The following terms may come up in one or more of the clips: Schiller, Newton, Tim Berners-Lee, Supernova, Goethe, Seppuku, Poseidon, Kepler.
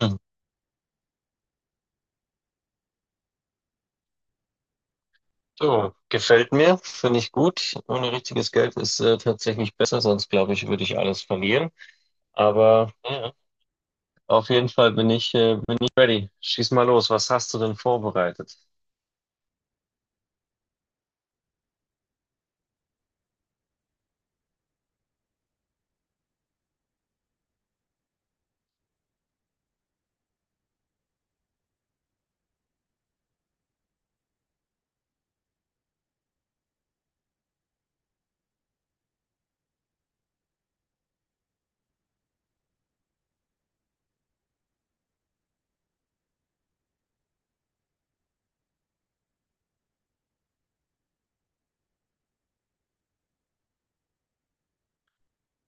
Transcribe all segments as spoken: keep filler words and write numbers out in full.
Hm. So, gefällt mir, finde ich gut. Ohne richtiges Geld ist äh, tatsächlich besser, sonst glaube ich, würde ich alles verlieren. Aber ja, auf jeden Fall bin ich, äh, bin ich ready. Schieß mal los. Was hast du denn vorbereitet?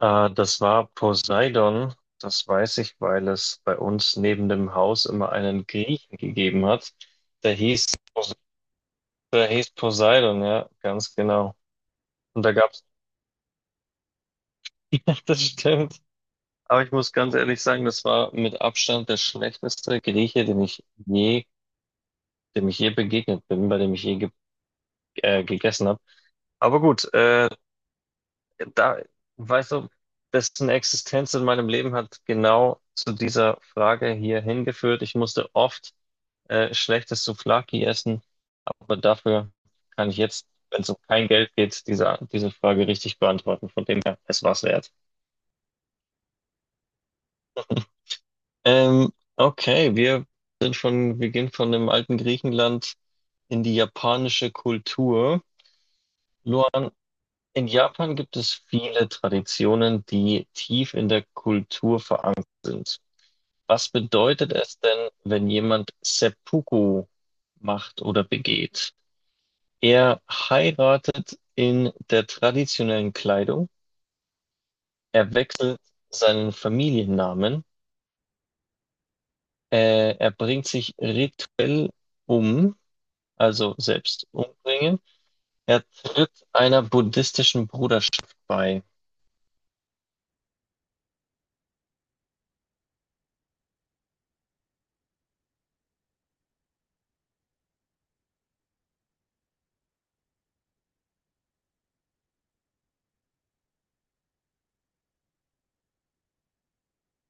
Äh, das war Poseidon. Das weiß ich, weil es bei uns neben dem Haus immer einen Griechen gegeben hat. Der hieß, Pos- der hieß Poseidon, ja, ganz genau. Und da gab's, ja, das stimmt. Aber ich muss ganz ehrlich sagen, das war mit Abstand der schlechteste Grieche, dem ich je, dem ich je begegnet bin, bei dem ich je ge äh, gegessen habe. Aber gut, äh, da, weißt du, dessen Existenz in meinem Leben hat genau zu dieser Frage hier hingeführt. Ich musste oft äh, schlechtes Souvlaki essen, aber dafür kann ich jetzt, wenn es um kein Geld geht, diese, diese Frage richtig beantworten. Von dem her, es war's wert. Ähm, okay, wir sind schon, wir gehen von dem alten Griechenland in die japanische Kultur. Luan, in Japan gibt es viele Traditionen, die tief in der Kultur verankert sind. Was bedeutet es denn, wenn jemand Seppuku macht oder begeht? Er heiratet in der traditionellen Kleidung, er wechselt seinen Familiennamen, äh, er bringt sich rituell um, also selbst umbringen. Er tritt einer buddhistischen Bruderschaft bei.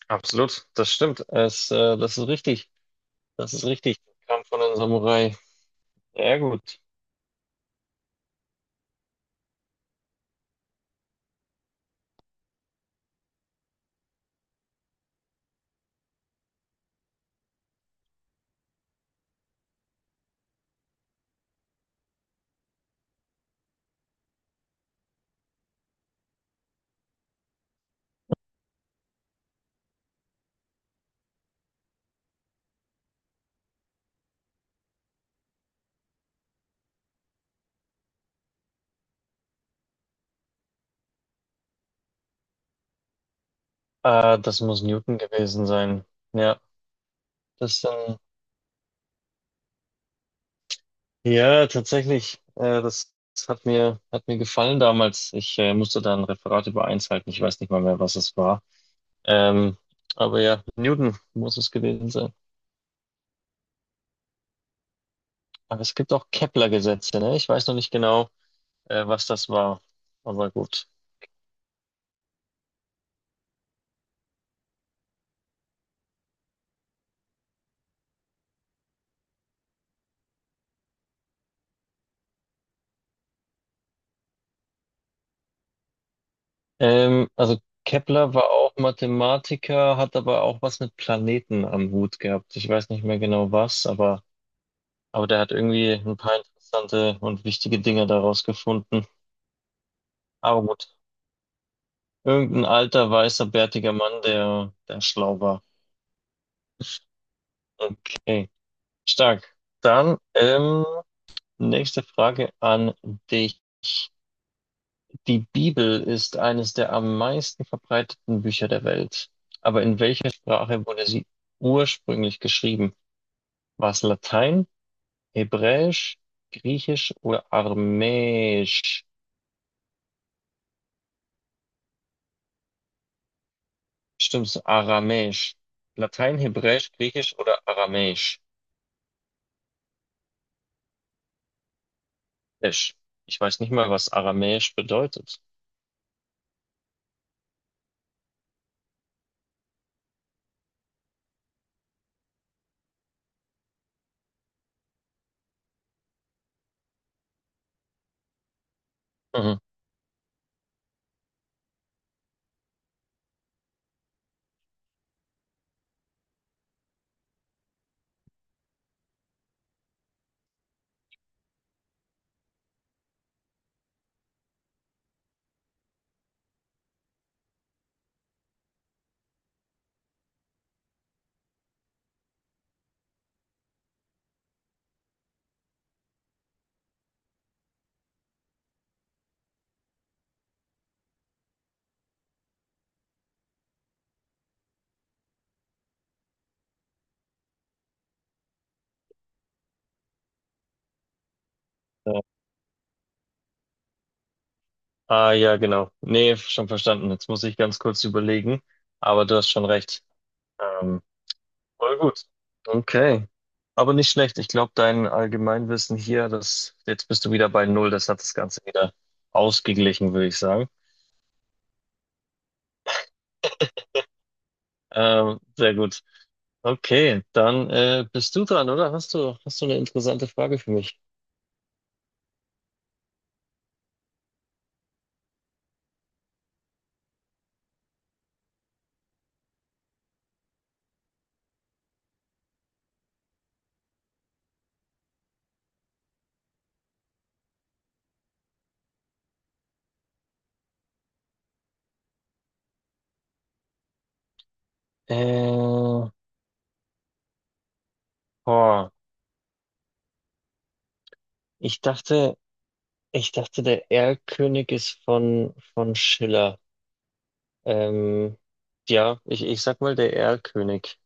Absolut, das stimmt. Es, äh, das ist richtig. Das ist richtig. Kam von einem Samurai. Sehr gut. Äh, das muss Newton gewesen sein. Ja, das, ähm, ja, tatsächlich. Äh, das, das hat mir, hat mir gefallen damals. Ich äh, musste da ein Referat über eins halten. Ich weiß nicht mal mehr, was es war. Ähm, aber ja, Newton muss es gewesen sein. Aber es gibt auch Kepler-Gesetze, ne? Ich weiß noch nicht genau, äh, was das war. Aber gut. Ähm, also Kepler war auch Mathematiker, hat aber auch was mit Planeten am Hut gehabt. Ich weiß nicht mehr genau was, aber, aber der hat irgendwie ein paar interessante und wichtige Dinge daraus gefunden. Aber gut, irgendein alter, weißer, bärtiger Mann, der, der schlau war. Okay, stark. Dann ähm, nächste Frage an dich. Die Bibel ist eines der am meisten verbreiteten Bücher der Welt. Aber in welcher Sprache wurde sie ursprünglich geschrieben? War es Latein, Hebräisch, Griechisch oder Aramäisch? Stimmt's, Aramäisch. Latein, Hebräisch, Griechisch oder Aramäisch? Isch. Ich weiß nicht mal, was Aramäisch bedeutet. Mhm. Ja. Ah ja, genau. Nee, schon verstanden. Jetzt muss ich ganz kurz überlegen. Aber du hast schon recht. Ähm, Voll gut. Okay. Aber nicht schlecht. Ich glaube, dein Allgemeinwissen hier, das, jetzt bist du wieder bei Null. Das hat das Ganze wieder ausgeglichen, würde ich sagen. Ähm, sehr gut. Okay, dann äh, bist du dran, oder? Hast du, hast du eine interessante Frage für mich? Äh, boah, ich dachte, ich dachte, der Erlkönig ist von, von Schiller. Ähm, ja, ich, ich sag mal, der Erlkönig.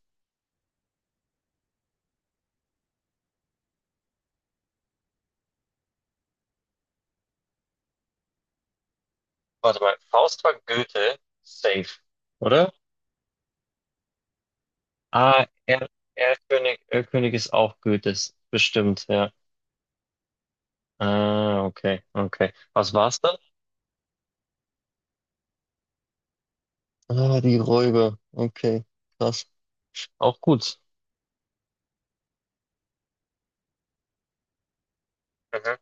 Warte mal, Faust war Goethe, safe, oder? Ah, er Erlkönig, Erlkönig ist auch Goethes, bestimmt, ja. Ah, okay, okay. Was war's dann? Ah, die Räuber. Okay, krass. Auch gut. Mhm.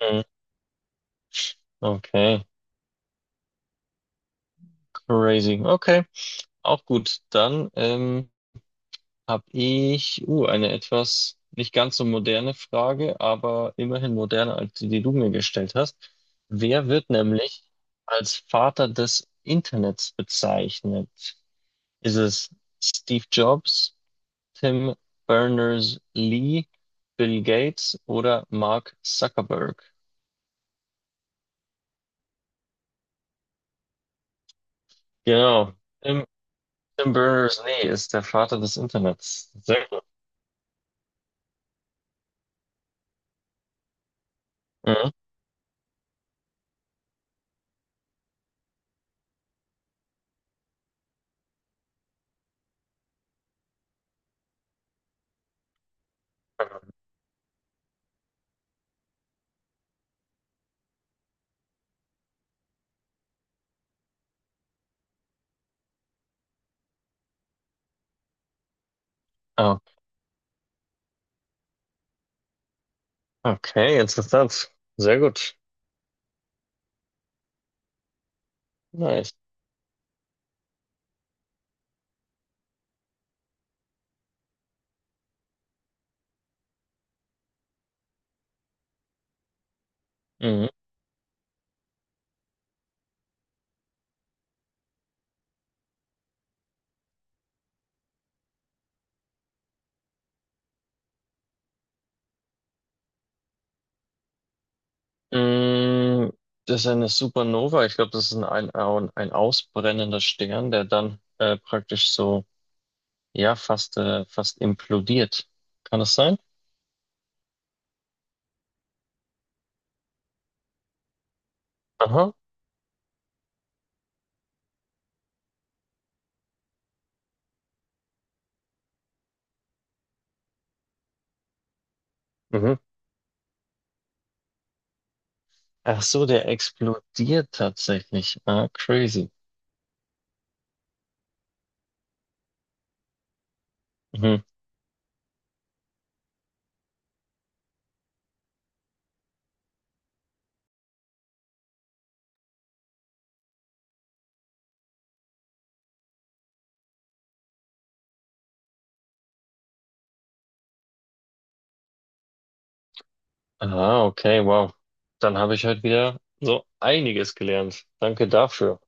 Mhm. Okay, crazy. Okay, auch gut. Dann ähm, habe ich uh, eine etwas nicht ganz so moderne Frage, aber immerhin moderner als die, die du mir gestellt hast. Wer wird nämlich als Vater des Internets bezeichnet? Ist es Steve Jobs, Tim Berners-Lee, Bill Gates oder Mark Zuckerberg? Genau. Tim, Tim Berners-Lee ist der Vater des Internets. Sehr gut. Mhm. Ah, okay, interessant. Sehr gut. Nice. Mhm. Mm, das ist eine Supernova. Ich glaube, das ist ein, ein, ein ausbrennender Stern, der dann äh, praktisch so, ja, fast, äh, fast implodiert. Kann das sein? Aha. Mhm. Ach so, der explodiert tatsächlich. Ah, crazy. Mhm. Ah, okay, wow. Dann habe ich heute wieder so einiges gelernt. Danke dafür.